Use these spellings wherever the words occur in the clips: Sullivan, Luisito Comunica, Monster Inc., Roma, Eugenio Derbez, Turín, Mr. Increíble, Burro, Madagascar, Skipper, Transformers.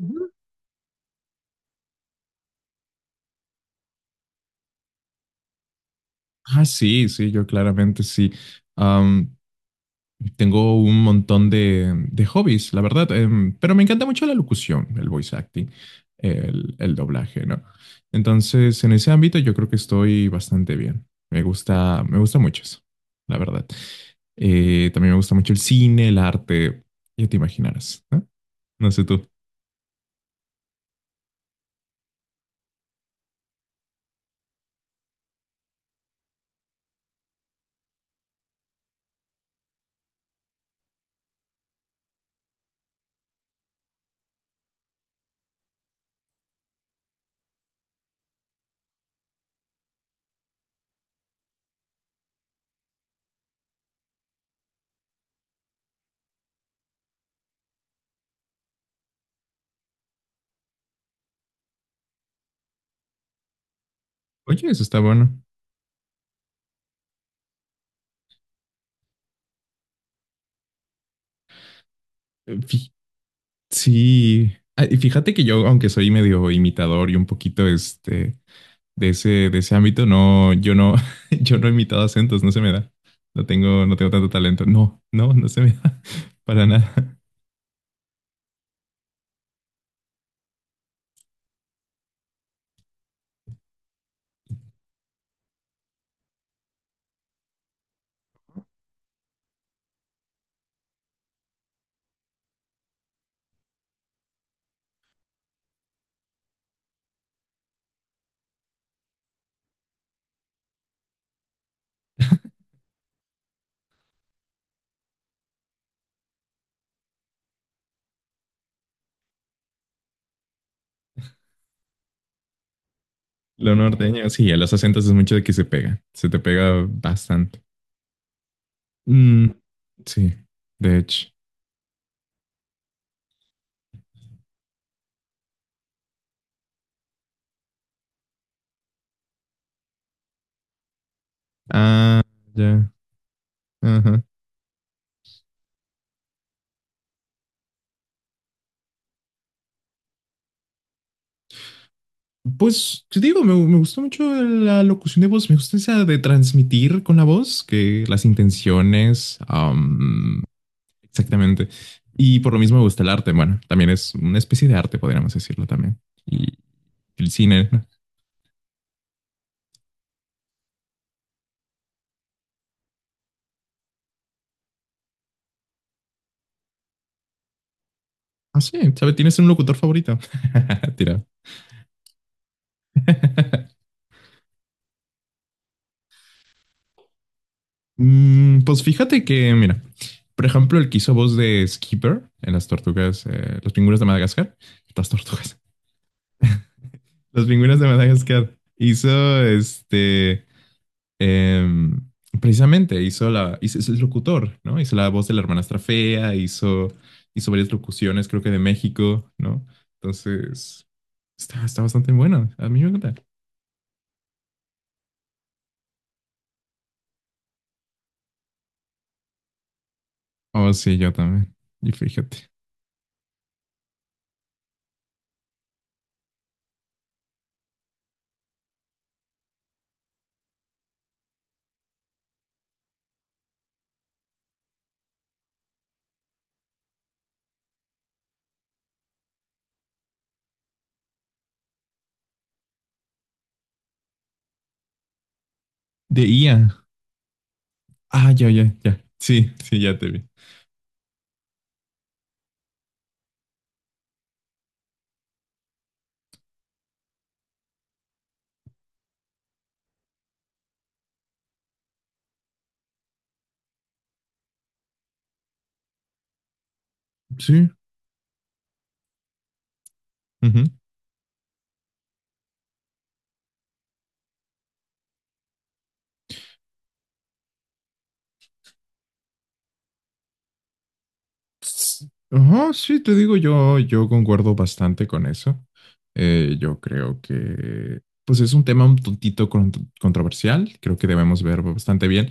Ujú. Ah, sí, sí, yo claramente sí. Am, Tengo un montón de hobbies, la verdad, pero me encanta mucho la locución, el voice acting, el doblaje, ¿no? Entonces, en ese ámbito yo creo que estoy bastante bien. Me gusta mucho eso, la verdad. También me gusta mucho el cine, el arte, ya te imaginarás, ¿no? No sé tú. Oye, eso está bueno. Eh, fí- Sí. Ah, y fíjate que yo, aunque soy medio imitador y un poquito este de ese ámbito, no, yo no, yo no he imitado acentos, no se me da. No tengo tanto talento. No, se me da para nada. Lo norteño, sí, a los acentos es mucho de que se pega. Se te pega bastante. Mm, sí, de hecho. Ah, ya. Ajá. Pues, te digo, me gustó mucho la locución de voz. Me gusta esa de transmitir con la voz, que las intenciones. Exactamente. Y por lo mismo me gusta el arte. Bueno, también es una especie de arte, podríamos decirlo también. Y el cine, ¿no? Ah, sí, ¿sabes? ¿Tienes un locutor favorito? Tira. Mm, pues fíjate que, mira, por ejemplo, el que hizo voz de Skipper en las tortugas, los pingüinos de Madagascar, las tortugas, los pingüinos de Madagascar, hizo este Em, precisamente hizo la, hizo, es locutor, ¿no? Hizo la voz de la hermanastra fea, hizo, hizo varias locuciones, creo que de México, ¿no? Entonces, está bastante bueno. A mí me encanta. Oh, sí, yo también. Y fíjate. De IA. Ah, ya, ya, ya. Sí, sí, ya te vi. Sí. Ujú. Ajá, sí, te digo, yo concuerdo bastante con eso. Yo creo que, pues es un tema un controversial, creo que debemos ver bastante bien,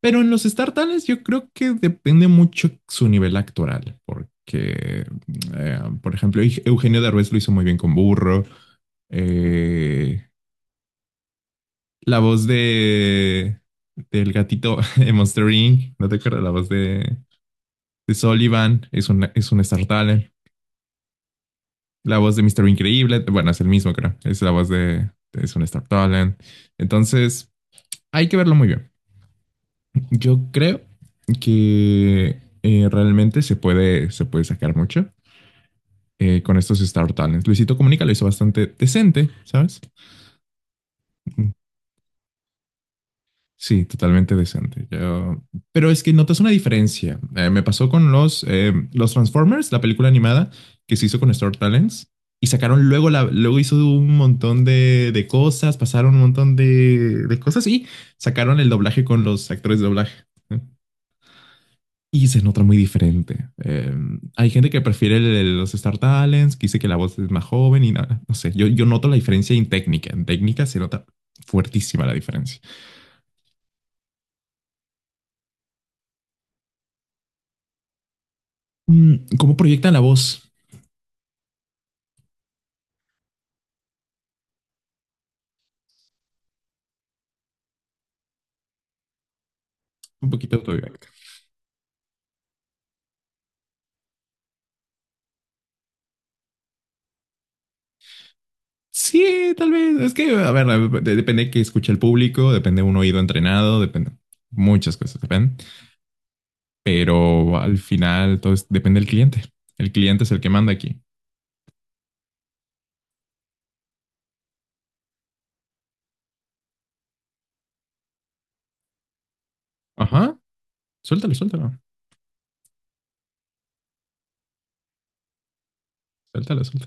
pero en los StarTales yo creo que depende mucho su nivel actoral, porque, por ejemplo, Eugenio Derbez lo hizo muy bien con Burro. eh, la voz de, del gatito en Monster Inc., ¿no te acuerdas? La voz de Sullivan es un Star Talent. La voz de Mr. Increíble, bueno, es el mismo, creo. Es la voz de, es un Star Talent. Entonces, hay que verlo muy bien. Yo creo que realmente se puede sacar mucho con estos Star Talents. Luisito Comunica lo hizo bastante decente, ¿sabes? Sí, totalmente decente. Yo- Pero es que notas una diferencia. Me pasó con los Transformers, la película animada que se hizo con Star Talents, y sacaron luego, la, luego hizo un montón de cosas, pasaron un montón de cosas y sacaron el doblaje con los actores de doblaje, ¿eh? Y se nota muy diferente. Hay gente que prefiere los Star Talents, que dice que la voz es más joven y nada. No sé, yo noto la diferencia en técnica. En técnica se nota fuertísima la diferencia. Mm, ¿cómo proyectan la voz? Un poquito autobiónica. Sí, tal vez. Es que, a ver, depende que escuche el público, depende de un oído entrenado, depende. Muchas cosas dependen. Pero al final todo depende del cliente. El cliente es el que manda aquí. Ajá. Suéltalo, suéltalo. Suéltalo, suéltalo.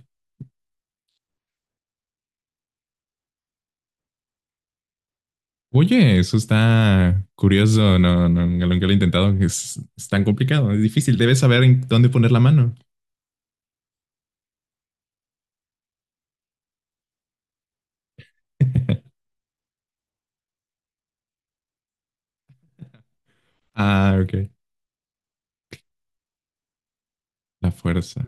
Oye, eso está curioso. No, no, nunca lo he intentado. Es tan complicado. Es difícil. Debes saber en dónde poner la mano. Ah, ok. La fuerza.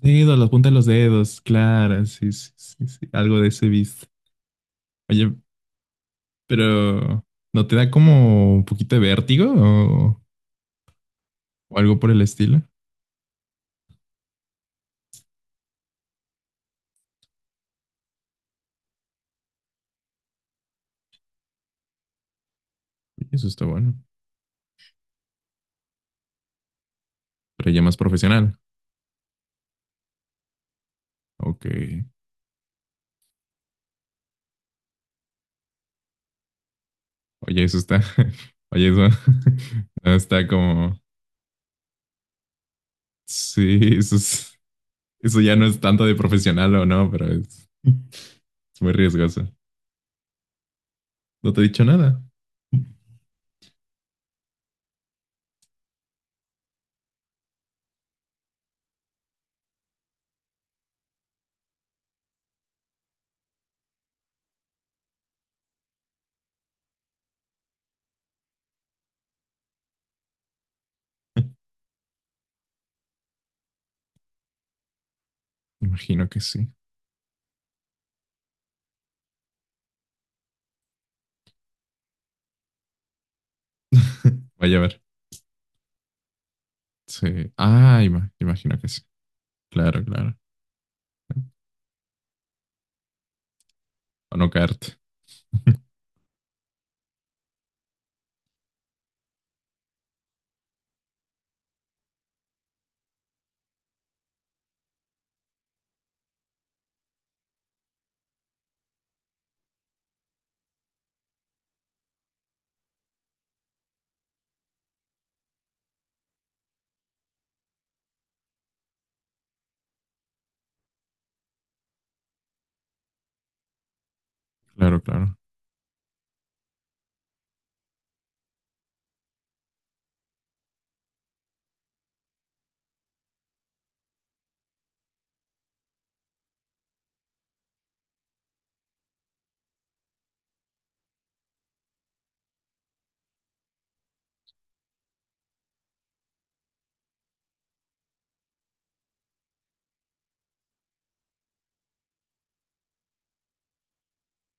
Dedos, la punta de los dedos. Claro, sí, sí, sí, sí. Algo de ese viste. Oye, pero ¿no te da como un poquito de vértigo o algo por el estilo? Oye, eso está bueno. Pero ya más profesional. Ok. Oye, eso está. Oye, eso no está como. Sí, eso es- eso ya no es tanto de profesional o no, pero es, es muy riesgoso. No te he dicho nada. Imagino que sí. Vaya a ver. Sí. Ah, ima- imagino que sí. Claro, claro. Para no caerte. Claro, claro.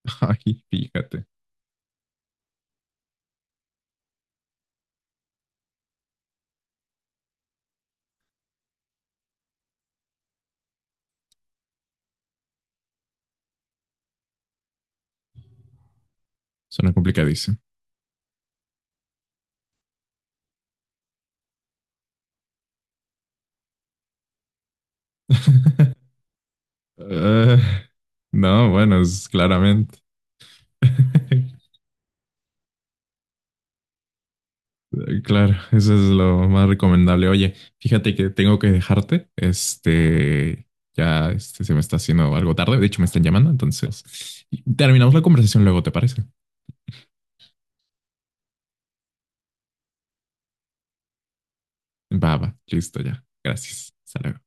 Ay, fíjate. Suena complicadísimo. Eh, no, bueno, es claramente. Claro, eso es lo más recomendable. Oye, fíjate que tengo que dejarte. Este, ya este, se me está haciendo algo tarde. De hecho, me están llamando. Entonces, terminamos la conversación luego, ¿te parece? Va, va, listo ya. Gracias. Hasta luego.